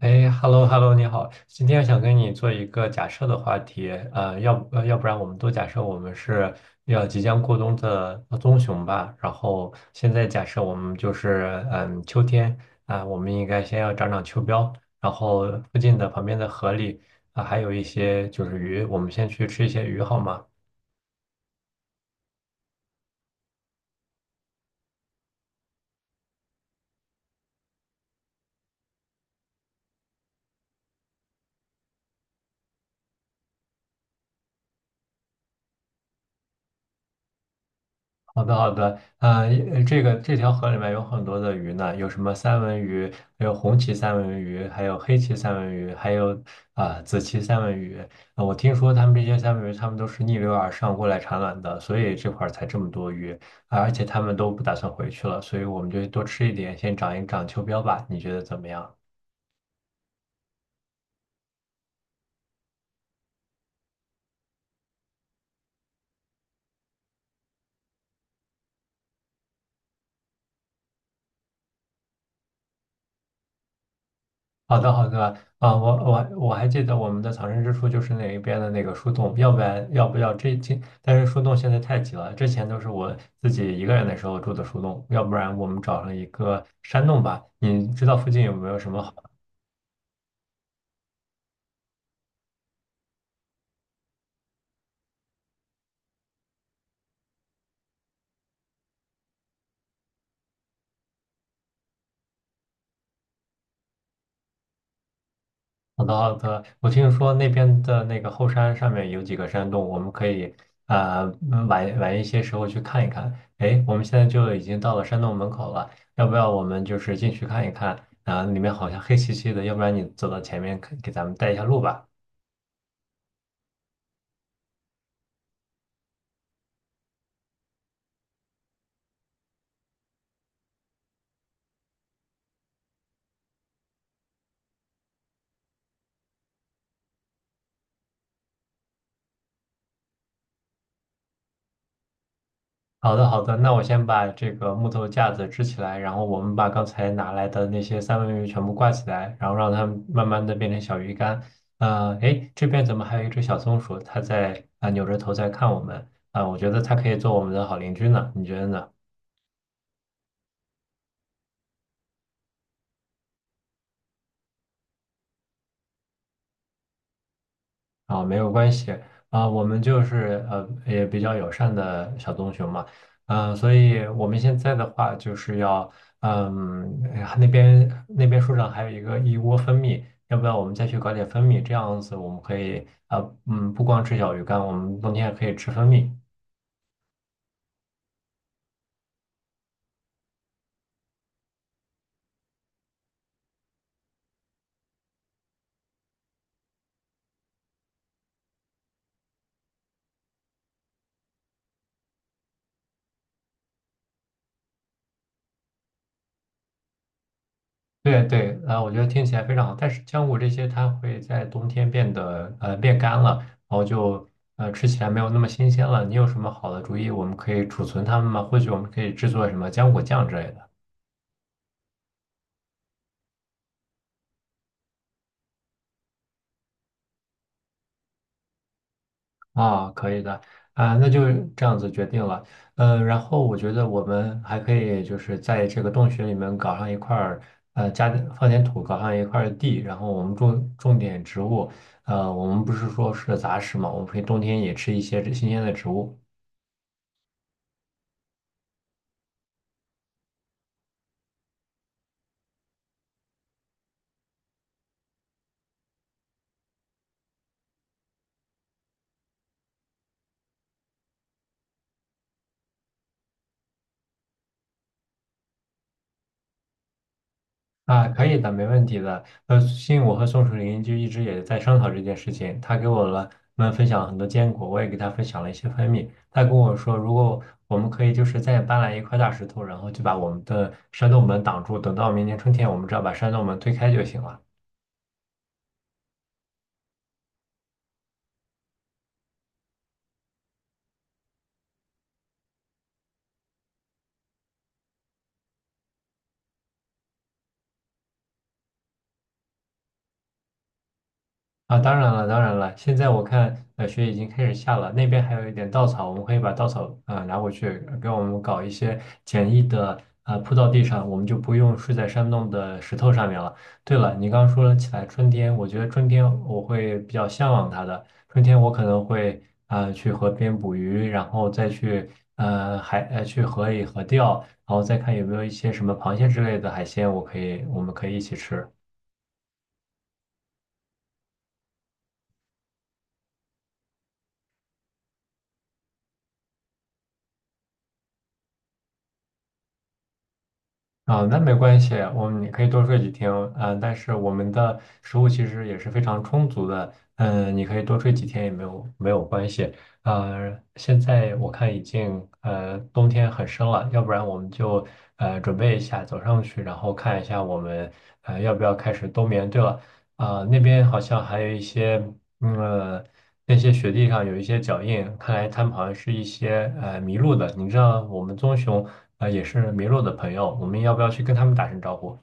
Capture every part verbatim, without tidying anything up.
哎，hello hello，你好，今天想跟你做一个假设的话题，呃，要不呃要不然我们都假设我们是要即将过冬的呃棕熊吧，然后现在假设我们就是嗯秋天啊，我们应该先要长长秋膘，然后附近的旁边的河里啊还有一些就是鱼，我们先去吃一些鱼好吗？好的，好的，呃，呃这个这条河里面有很多的鱼呢，有什么三文鱼，还有红鳍三文鱼，还有黑鳍三文鱼，还有啊、紫鳍三文鱼。呃我听说他们这些三文鱼，他们都是逆流而上过来产卵的，所以这块儿才这么多鱼，啊而且他们都不打算回去了，所以我们就多吃一点，先长一长秋膘吧。你觉得怎么样？好的，好的，啊，我我我还记得我们的藏身之处就是那一边的那个树洞，要不然要不要这这，但是树洞现在太挤了，之前都是我自己一个人的时候住的树洞，要不然我们找上一个山洞吧。你知道附近有没有什么好？好的，好的。我听说那边的那个后山上面有几个山洞，我们可以呃嗯晚晚一些时候去看一看。哎，我们现在就已经到了山洞门口了，要不要我们就是进去看一看？啊、里面好像黑漆漆的，要不然你走到前面给给咱们带一下路吧。好的，好的，那我先把这个木头架子支起来，然后我们把刚才拿来的那些三文鱼全部挂起来，然后让它们慢慢的变成小鱼干。呃，诶，这边怎么还有一只小松鼠？它在啊、扭着头在看我们啊、我觉得它可以做我们的好邻居呢，你觉得呢？啊，没有关系啊，我们就是呃也比较友善的小棕熊嘛，嗯、所以我们现在的话就是要，嗯，哎呀那边那边树上还有一个一窝蜂蜜，要不要我们再去搞点蜂蜜？这样子我们可以啊、呃嗯，不光吃小鱼干，我们冬天也可以吃蜂蜜。对对，啊，我觉得听起来非常好。但是浆果这些它会在冬天变得呃变干了，然后就呃吃起来没有那么新鲜了。你有什么好的主意，我们可以储存它们吗？或许我们可以制作什么浆果酱之类的。啊、可以的啊、那就这样子决定了。呃，然后我觉得我们还可以就是在这个洞穴里面搞上一块儿呃加点放点土，搞上一块儿地，然后我们种种点植物。呃，我们不是说是杂食嘛，我们可以冬天也吃一些这新鲜的植物。啊，可以的，没问题的。呃，信我和宋楚林就一直也在商讨这件事情，他给我了们分享了很多坚果，我也给他分享了一些蜂蜜。他跟我说，如果我们可以就是再搬来一块大石头，然后就把我们的山洞门挡住，等到明年春天，我们只要把山洞门推开就行了。啊，当然了，当然了。现在我看，呃，雪已经开始下了，那边还有一点稻草，我们可以把稻草，呃，拿回去，呃给我们搞一些简易的，呃，铺到地上，我们就不用睡在山洞的石头上面了。对了，你刚刚说了起来春天，我觉得春天我会比较向往它的。春天我可能会，呃，去河边捕鱼，然后再去，呃，海，呃，去河里河钓，然后再看有没有一些什么螃蟹之类的海鲜，我可以，我们可以一起吃。啊，那没关系，我们你可以多睡几天，嗯、但是我们的食物其实也是非常充足的，嗯、你可以多睡几天也没有没有关系，呃，现在我看已经呃冬天很深了，要不然我们就呃准备一下走上去，然后看一下我们呃要不要开始冬眠。对了，啊、那边好像还有一些，嗯，呃那些雪地上有一些脚印，看来他们好像是一些呃迷路的。你知道我们棕熊呃也是迷路的朋友，我们要不要去跟他们打声招呼？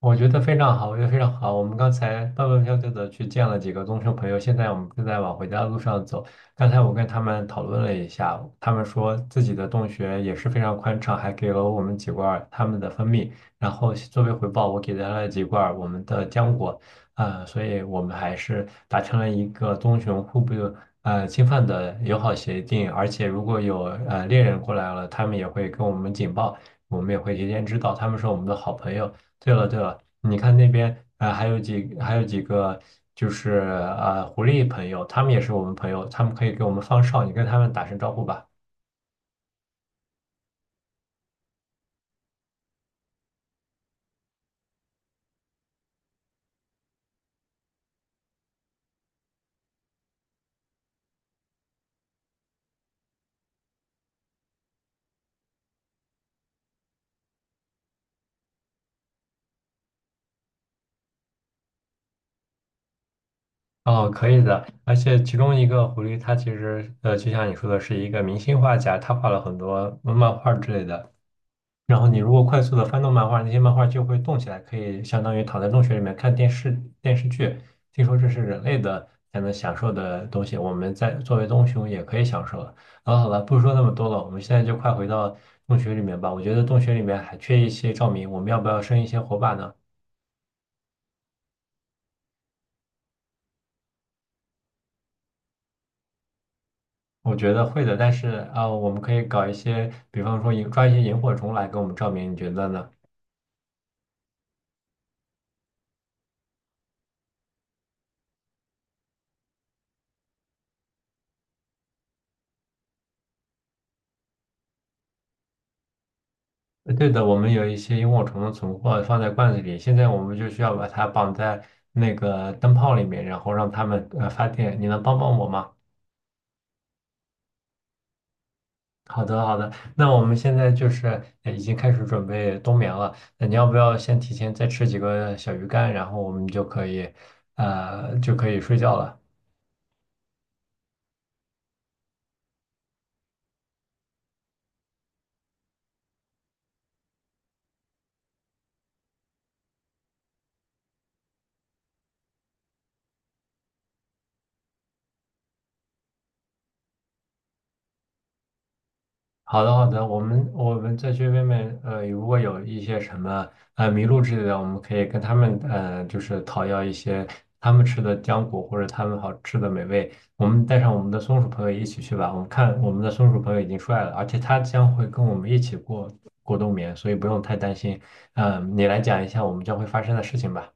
我觉得非常好，我觉得非常好。我们刚才蹦蹦跳跳的去见了几个棕熊朋友，现在我们正在往回家的路上走。刚才我跟他们讨论了一下，他们说自己的洞穴也是非常宽敞，还给了我们几罐儿他们的蜂蜜。然后作为回报，我给他了几罐儿我们的浆果。呃，所以我们还是达成了一个棕熊互不呃侵犯的友好协定。而且如果有呃猎人过来了，他们也会跟我们警报。我们也会提前知道，他们是我们的好朋友。对了对了，你看那边呃还有几还有几个就是呃狐狸朋友，他们也是我们朋友，他们可以给我们放哨，你跟他们打声招呼吧。哦，可以的。而且其中一个狐狸，它其实呃，就像你说的，是一个明星画家，他画了很多漫画之类的。然后你如果快速的翻动漫画，那些漫画就会动起来，可以相当于躺在洞穴里面看电视电视剧。听说这是人类的才能享受的东西，我们在作为棕熊也可以享受了。好了好了，不说那么多了，我们现在就快回到洞穴里面吧。我觉得洞穴里面还缺一些照明，我们要不要生一些火把呢？我觉得会的，但是啊、呃我们可以搞一些，比方说引抓一些萤火虫来给我们照明，你觉得呢？呃对的，我们有一些萤火虫的存货放在罐子里，现在我们就需要把它绑在那个灯泡里面，然后让它们呃发电。你能帮帮我吗？好的，好的。那我们现在就是呃已经开始准备冬眠了。那你要不要先提前再吃几个小鱼干，然后我们就可以呃就可以睡觉了？好的，好的，我们我们再去边面，呃，如果有一些什么呃麋鹿之类的，我们可以跟他们呃，就是讨要一些他们吃的浆果或者他们好吃的美味。我们带上我们的松鼠朋友一起去吧。我们看我们的松鼠朋友已经出来了，而且他将会跟我们一起过过冬眠，所以不用太担心。嗯、你来讲一下我们将会发生的事情吧。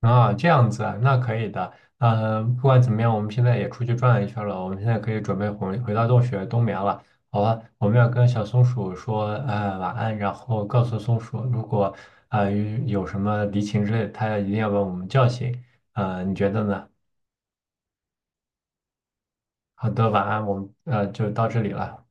啊，这样子啊，那可以的。呃，不管怎么样，我们现在也出去转了一圈了，我们现在可以准备回回到洞穴冬眠了。好吧，我们要跟小松鼠说，呃，晚安，然后告诉松鼠，如果呃有什么敌情之类的，它一定要把我们叫醒。呃，你觉得呢？好的，晚安，我们呃就到这里了。